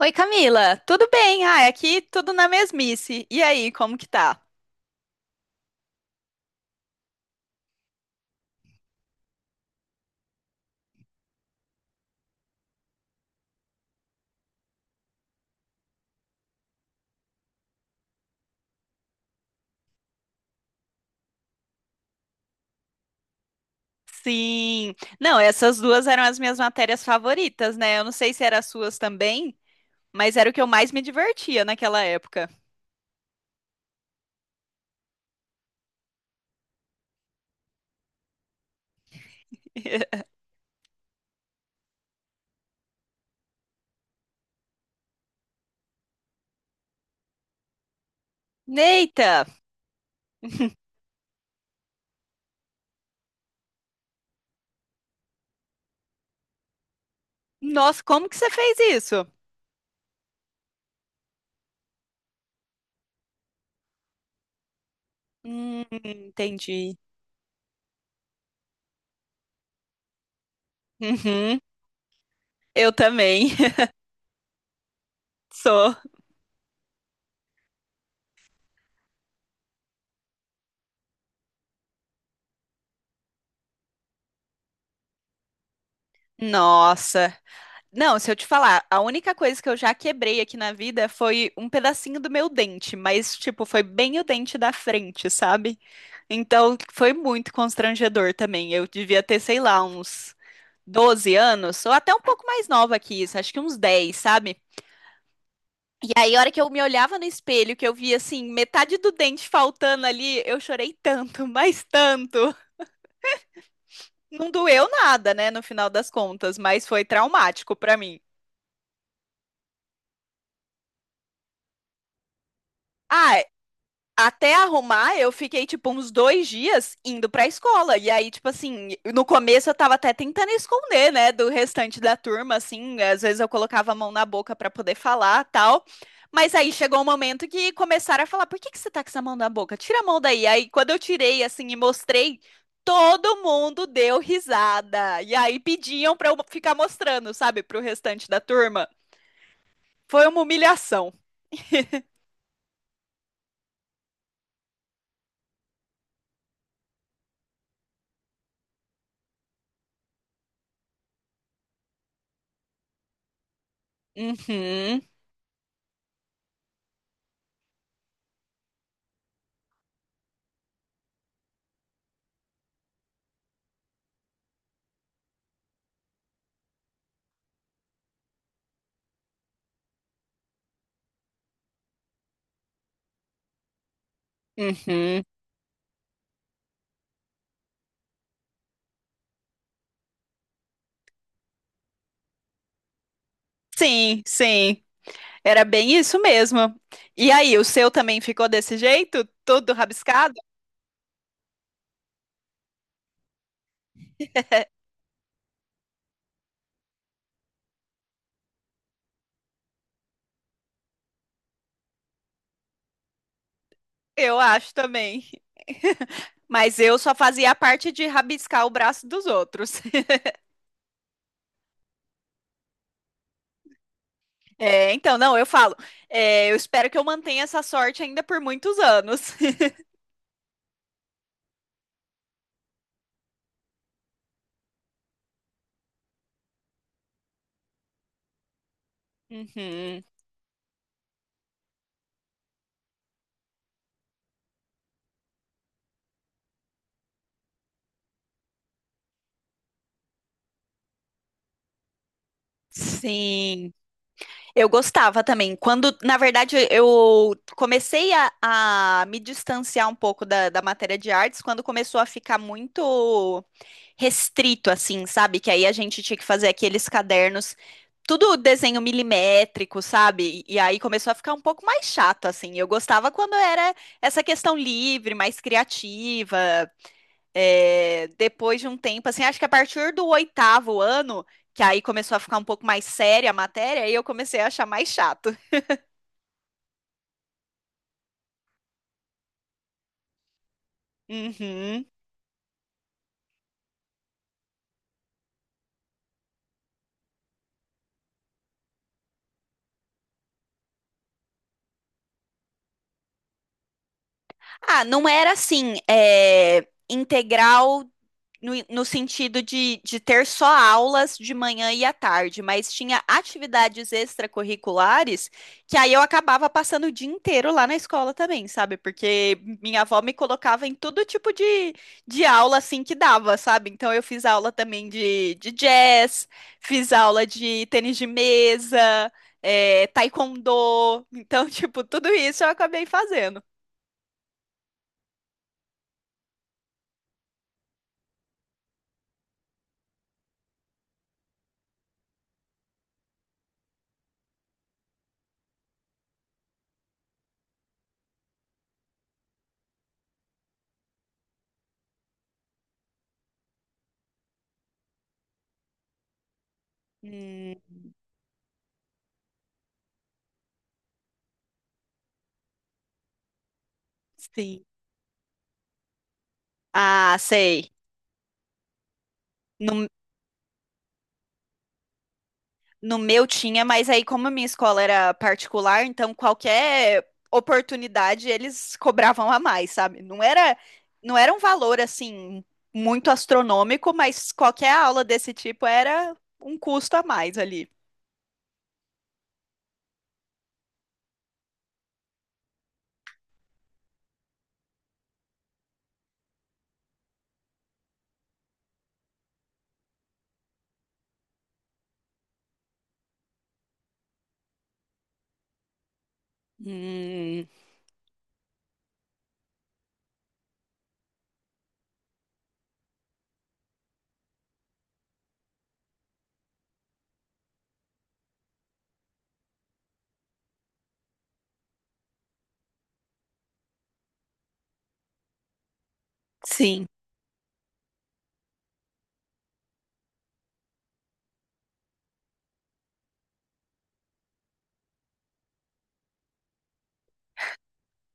Oi, Camila, tudo bem? Ah, aqui tudo na mesmice. E aí, como que tá? Sim. Não, essas duas eram as minhas matérias favoritas, né? Eu não sei se eram as suas também, mas era o que eu mais me divertia naquela época. Neita! Nossa, como que você fez isso? Entendi. Uhum, eu também. Sou. Nossa. Não, se eu te falar, a única coisa que eu já quebrei aqui na vida foi um pedacinho do meu dente, mas, tipo, foi bem o dente da frente, sabe? Então, foi muito constrangedor também. Eu devia ter, sei lá, uns 12 anos, ou até um pouco mais nova que isso, acho que uns 10, sabe? E aí, a hora que eu me olhava no espelho, que eu via, assim, metade do dente faltando ali, eu chorei tanto, mas tanto. Não doeu nada, né, no final das contas, mas foi traumático pra mim. Ah, até arrumar, eu fiquei, tipo, uns 2 dias indo pra escola. E aí, tipo assim, no começo eu tava até tentando esconder, né, do restante da turma, assim. Às vezes eu colocava a mão na boca pra poder falar, tal. Mas aí chegou um momento que começaram a falar: por que que você tá com essa mão na boca? Tira a mão daí. Aí, quando eu tirei, assim, e mostrei, todo mundo deu risada. E aí pediam pra eu ficar mostrando, sabe, pro restante da turma. Foi uma humilhação. Uhum, uhum. Sim, sim. Era bem isso mesmo. E aí, o seu também ficou desse jeito? Todo rabiscado? Eu acho também. Mas eu só fazia a parte de rabiscar o braço dos outros. É, então, não, eu falo. É, eu espero que eu mantenha essa sorte ainda por muitos anos. Uhum. Sim, eu gostava também. Quando, na verdade, eu comecei a me distanciar um pouco da matéria de artes, quando começou a ficar muito restrito, assim, sabe? Que aí a gente tinha que fazer aqueles cadernos, tudo desenho milimétrico, sabe? E aí começou a ficar um pouco mais chato, assim. Eu gostava quando era essa questão livre, mais criativa. É, depois de um tempo, assim, acho que a partir do oitavo ano, que aí começou a ficar um pouco mais séria a matéria, aí eu comecei a achar mais chato. Uhum. Ah, não era assim, é, integral no, no sentido de ter só aulas de manhã e à tarde, mas tinha atividades extracurriculares que aí eu acabava passando o dia inteiro lá na escola também, sabe? Porque minha avó me colocava em todo tipo de aula assim que dava, sabe? Então eu fiz aula também de jazz, fiz aula de tênis de mesa, é, taekwondo. Então, tipo, tudo isso eu acabei fazendo. Hum, sim. Ah, sei. No No meu tinha, mas aí, como a minha escola era particular, então qualquer oportunidade eles cobravam a mais, sabe? Não era, não era um valor assim muito astronômico, mas qualquer aula desse tipo era um custo a mais ali. Hum, sim.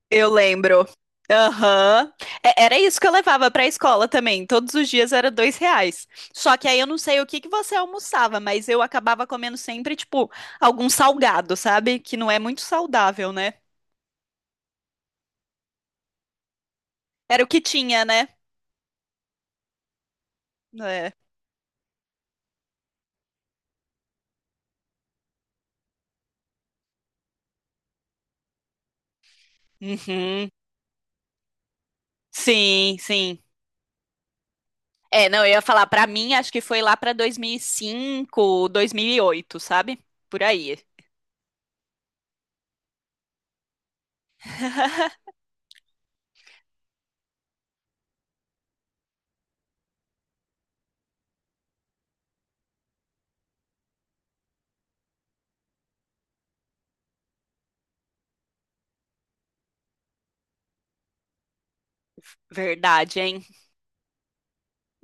Eu lembro. Aham. É- Era isso que eu levava para a escola também. Todos os dias era R$ 2. Só que aí eu não sei o que que você almoçava, mas eu acabava comendo sempre, tipo, algum salgado, sabe? Que não é muito saudável, né? Era o que tinha, né? É. Uhum. Sim, sim. É, não, eu ia falar, para mim, acho que foi lá para e cinco, 2008, sabe? Por aí. Verdade, hein?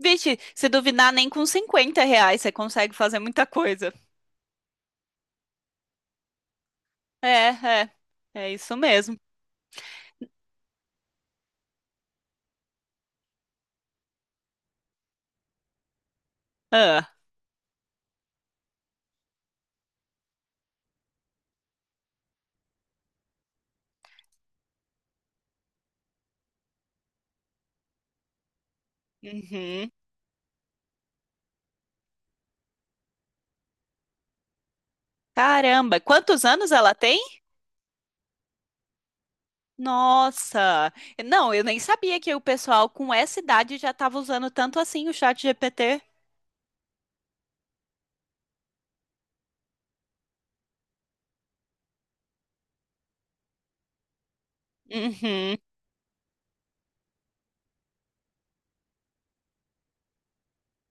Vixe, se duvidar, nem com R$ 50 você consegue fazer muita coisa. É, é. É isso mesmo. Ah, uhum. Caramba, quantos anos ela tem? Nossa! Não, eu nem sabia que o pessoal com essa idade já estava usando tanto assim o chat GPT. Uhum.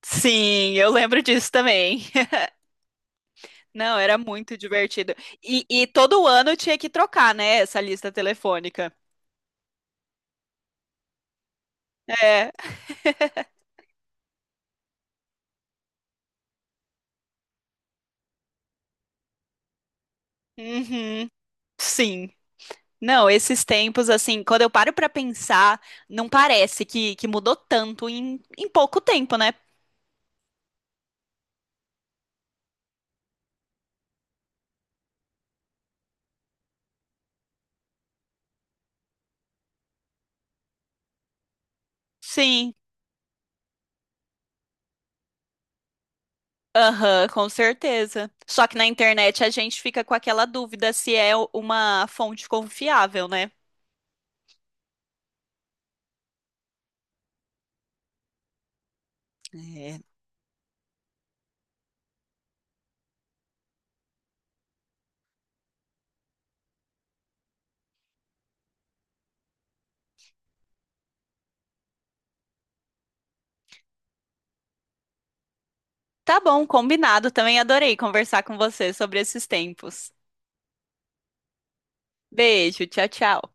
Sim, eu lembro disso também. Não, era muito divertido. E todo ano tinha que trocar, né, essa lista telefônica. É. Uhum. Sim. Não, esses tempos, assim, quando eu paro pra pensar, não parece que mudou tanto em pouco tempo, né? Sim, aham, com certeza. Só que na internet a gente fica com aquela dúvida se é uma fonte confiável, né? É. Tá bom, combinado. Também adorei conversar com você sobre esses tempos. Beijo, tchau, tchau.